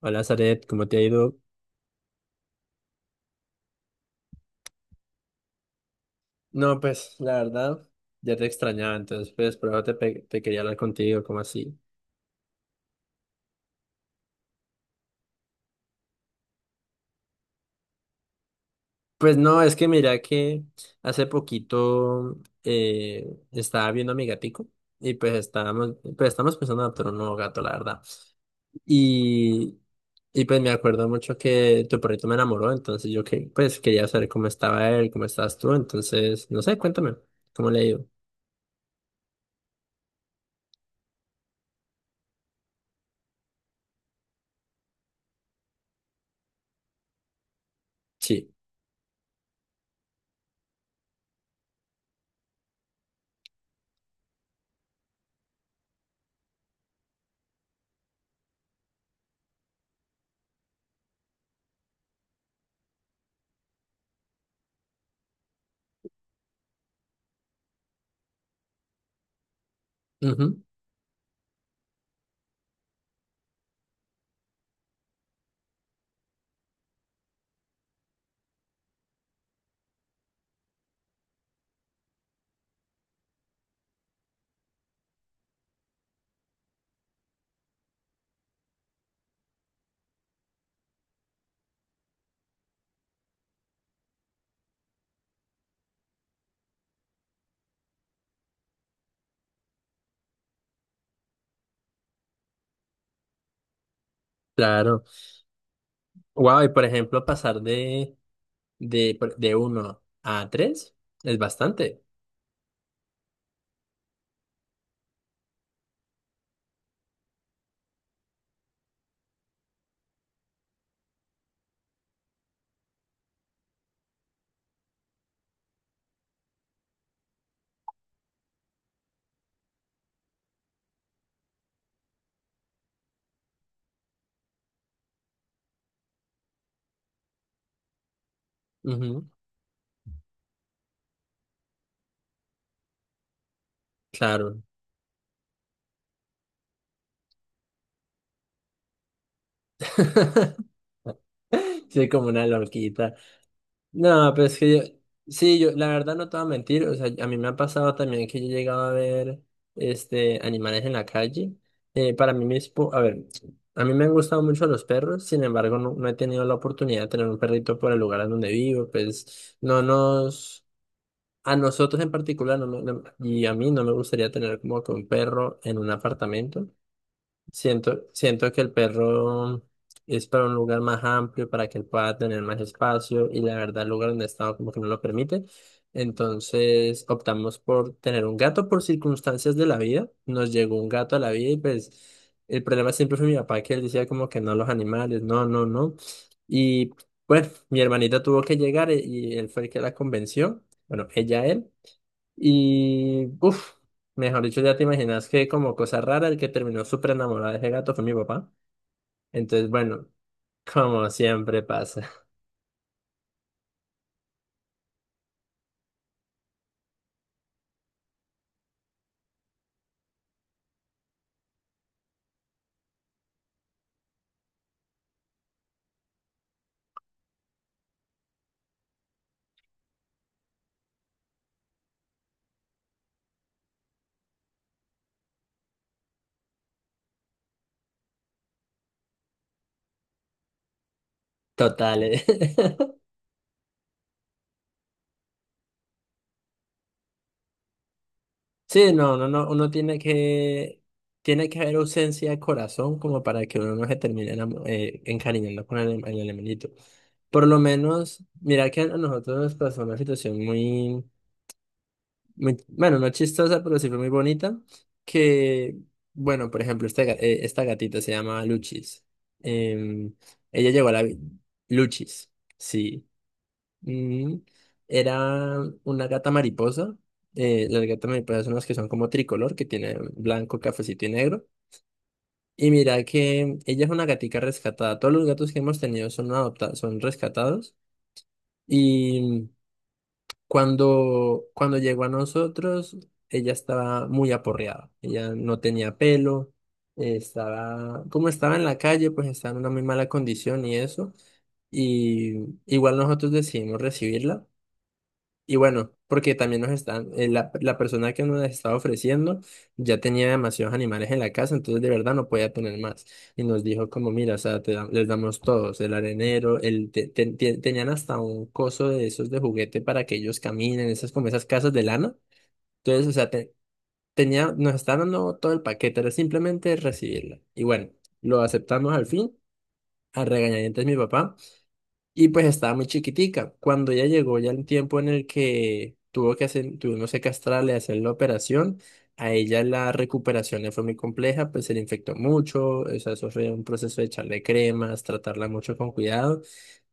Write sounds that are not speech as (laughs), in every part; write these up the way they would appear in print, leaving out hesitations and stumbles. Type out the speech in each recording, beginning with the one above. Hola, Zaret, ¿cómo te ha ido? No, pues la verdad, ya te extrañaba, entonces pues por eso te quería hablar contigo. ¿Cómo así? Pues no, es que mira que hace poquito estaba viendo a mi gatico y pues estamos pensando en adoptar un nuevo gato, la verdad. Y, y pues me acuerdo mucho que tu perrito me enamoró, entonces pues quería saber cómo estaba él, cómo estás tú, entonces, no sé, cuéntame, ¿cómo le ha ido? Sí, ujú, claro. Wow, y por ejemplo, pasar de uno a 3 es bastante. Ujú, claro. (laughs) Soy como una loquita. No, pero es que yo, la verdad no te voy a mentir, o sea, a mí me ha pasado también que yo he llegado a ver, este, animales en la calle. Para mí mismo, a ver, a mí me han gustado mucho los perros, sin embargo, no, no he tenido la oportunidad de tener un perrito por el lugar en donde vivo, pues no nos... A nosotros en particular, y a mí no me gustaría tener como que un perro en un apartamento. Siento que el perro es para un lugar más amplio, para que él pueda tener más espacio y la verdad el lugar donde he como que no lo permite. Entonces optamos por tener un gato por circunstancias de la vida. Nos llegó un gato a la vida y pues el problema siempre fue mi papá, que él decía como que no, los animales, no, no, no. Y bueno, mi hermanita tuvo que llegar y él fue el que la convenció. Bueno, ella, él. Y, uff, mejor dicho, ya te imaginas que como cosa rara, el que terminó súper enamorado de ese gato fue mi papá. Entonces, bueno, (laughs) como siempre pasa. Total. Eh. (laughs) Sí, no, no, no, uno tiene que haber ausencia de corazón como para que uno no se termine encariñando con el animalito. Por lo menos, mira que a nosotros nos pasó una situación muy... muy- bueno, no chistosa, pero sí fue muy bonita, que, bueno, por ejemplo, esta gatita se llama Luchis. Em, ella llegó a Luchis, sí. Mm, era una gata mariposa. Eh, las gatas mariposas son las que son como tricolor, que tiene blanco, cafecito y negro. Y mira que ella es una gatica rescatada. Todos los gatos que hemos tenido son adoptados, son rescatados. Y cuando llegó a nosotros, ella estaba muy aporreada. Ella no tenía pelo, estaba, como estaba en la calle, pues estaba en una muy mala condición y eso. Y igual nosotros decidimos recibirla. Y bueno, porque también nos están, la persona que nos las estaba ofreciendo ya tenía demasiados animales en la casa, entonces de verdad no podía tener más. Y nos dijo como, mira, o sea, les damos todos, el arenero, el te- te- te- tenían hasta un coso de esos de juguete para que ellos caminen, esas como esas casas de lana. Entonces, o sea, tenía, nos estaban dando todo el paquete, era simplemente recibirla. Y bueno, lo aceptamos al fin, a regañadientes mi papá. Y pues estaba muy chiquitica. Cuando ya llegó ya el tiempo en el que tuvo que hacer, tuvimos que castrarle, hacer la operación, a ella la recuperación le fue muy compleja, pues se le infectó mucho, o sea, eso fue un proceso de echarle cremas, tratarla mucho con cuidado.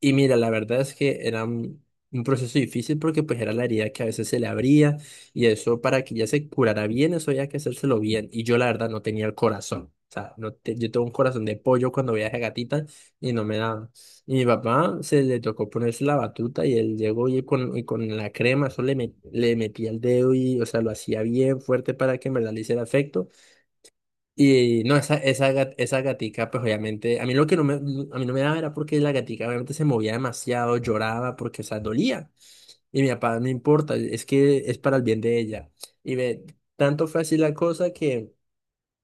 Y mira, la verdad es que era un proceso difícil porque pues era la herida que a veces se le abría y eso para que ya se curara bien, eso había que hacérselo bien. Y yo la verdad no tenía el corazón. O sea, no te- yo tengo un corazón de pollo cuando viaje a gatita y no me daba. Y mi papá se le tocó ponerse la batuta y él llegó y con la crema, le metía el dedo y, o sea, lo hacía bien fuerte para que en verdad le hiciera efecto. Y no, esa gatica, pues obviamente, a mí no me daba era porque la gatica obviamente se movía demasiado, lloraba, porque, o sea, dolía. Y mi papá, no importa, es que es para el bien de ella. Y ve, tanto fue así la cosa que...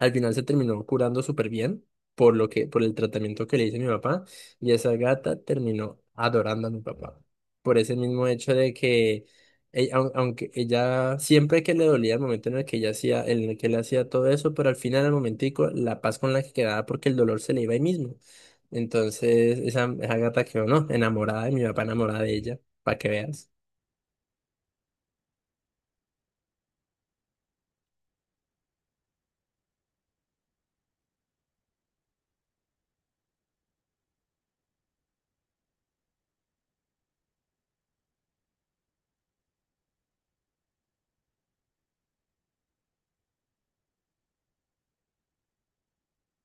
al final se terminó curando súper bien por lo que, por el tratamiento que le hice a mi papá, y esa gata terminó adorando a mi papá. Por ese mismo hecho de que, aunque ella, siempre que le dolía el momento en el que ella hacía, en el que le hacía todo eso, pero al final, al momentico, la paz con la que quedaba porque el dolor se le iba ahí mismo. Entonces, esa gata quedó, ¿no? Enamorada de mi papá, enamorada de ella, para que veas.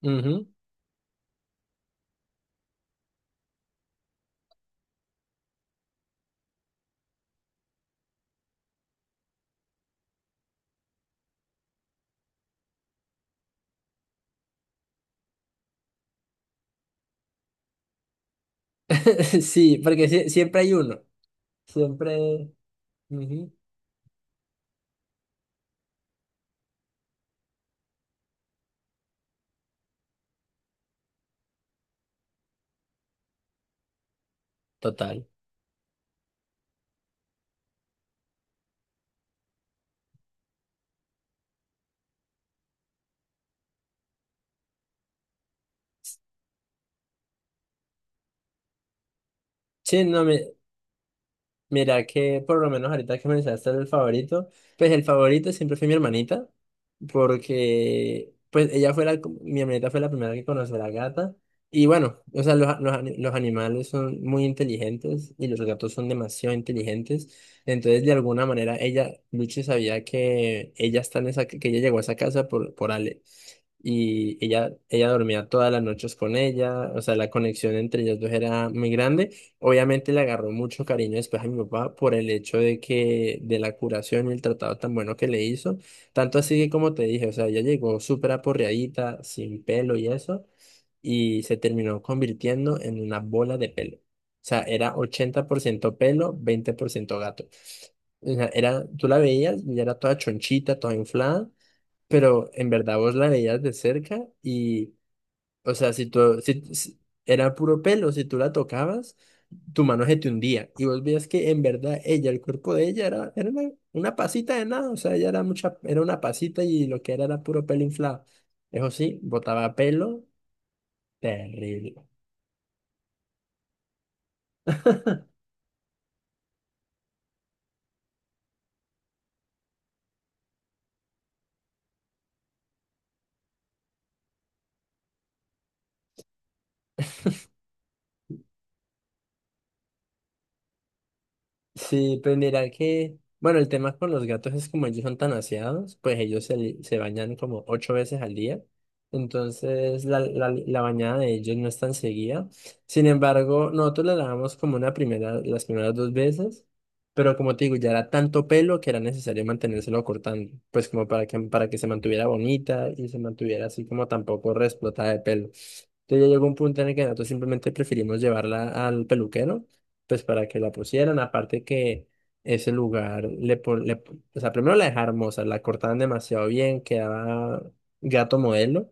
Ujú. (laughs) Sí, porque siempre hay uno, siempre... ujú, total. Sí, no, me, mira que por lo menos ahorita que mencionaste el favorito, pues el favorito siempre fue mi hermanita, porque pues mi hermanita fue la primera que conoció a la gata. Y bueno, o sea, los animales son muy inteligentes y los gatos son demasiado inteligentes. Entonces, de alguna manera, ella, Luchi sabía que ella está en esa, que ella llegó a esa casa por Ale, y ella dormía todas las noches con ella, o sea, la conexión entre ellas dos era muy grande. Obviamente le agarró mucho cariño después a mi papá por el hecho de que, de la curación y el tratado tan bueno que le hizo, tanto así que como te dije, o sea, ella llegó súper aporreadita, sin pelo y eso, y se terminó convirtiendo en una bola de pelo. O sea, era 80% pelo, 20% gato. O sea, era, tú la veías y era toda chonchita, toda inflada. Pero en verdad vos la veías de cerca y, o sea, si tú, si, si- era puro pelo, si tú la tocabas, tu mano se te hundía. Y vos veías que en verdad ella, el cuerpo de ella era una pasita de nada, o sea, era una pasita y lo que era era puro pelo inflado. Eso sí, botaba pelo terrible. Sí, pues mira que, bueno, el tema con los gatos es como ellos son tan aseados, pues se bañan como 8 veces al día, entonces la bañada de ellos no es tan seguida. Sin embargo, nosotros la lavamos como una primera, las primeras 2 veces, pero como te digo, ya era tanto pelo que era necesario mantenérselo cortando, pues como para que se mantuviera bonita y se mantuviera así como tampoco reexplotada de pelo. Entonces ya llegó un punto en el que nosotros simplemente preferimos llevarla al peluquero pues para que la pusieran, aparte que ese lugar, o sea, primero la dejaron hermosa, la cortaban demasiado bien, quedaba gato modelo,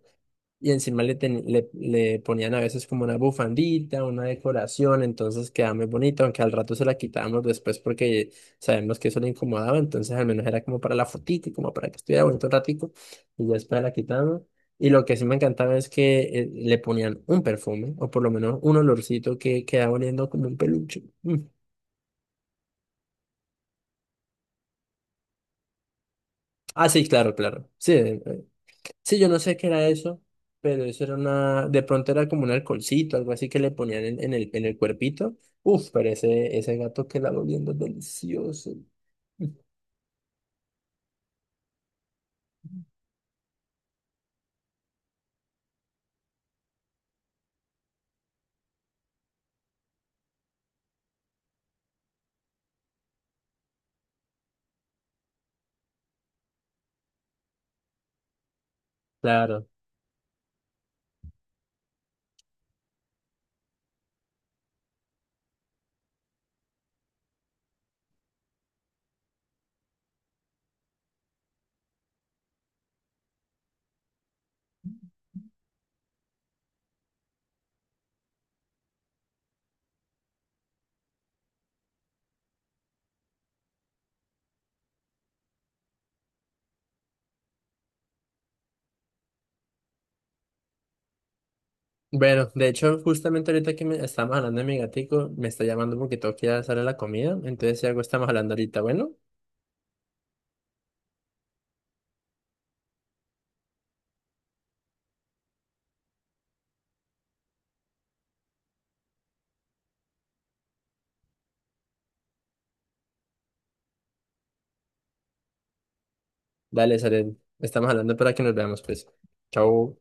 y encima le ponían a veces como una bufandita, una decoración, entonces quedaba muy bonito, aunque al rato se la quitábamos después porque sabemos que eso le incomodaba, entonces al menos era como para la fotito, como para que estuviera bonito un ratico, y ya después la quitábamos. Y lo que sí me encantaba es que le ponían un perfume, o por lo menos un olorcito que quedaba oliendo como un peluche. Mm. Ah, sí, claro, claro. Sí, sí, yo no sé qué era eso, pero eso era una, de pronto era como un alcoholcito, algo así que le ponían en el cuerpito. Uf, pero ese gato que la oliendo delicioso. Claro. Bueno, de hecho, justamente ahorita que me estamos hablando de mi gatico, me está llamando porque tengo que ir a hacerle la comida. Entonces, si algo estamos hablando ahorita, bueno, dale, Saren, estamos hablando para que nos veamos, pues. Chao.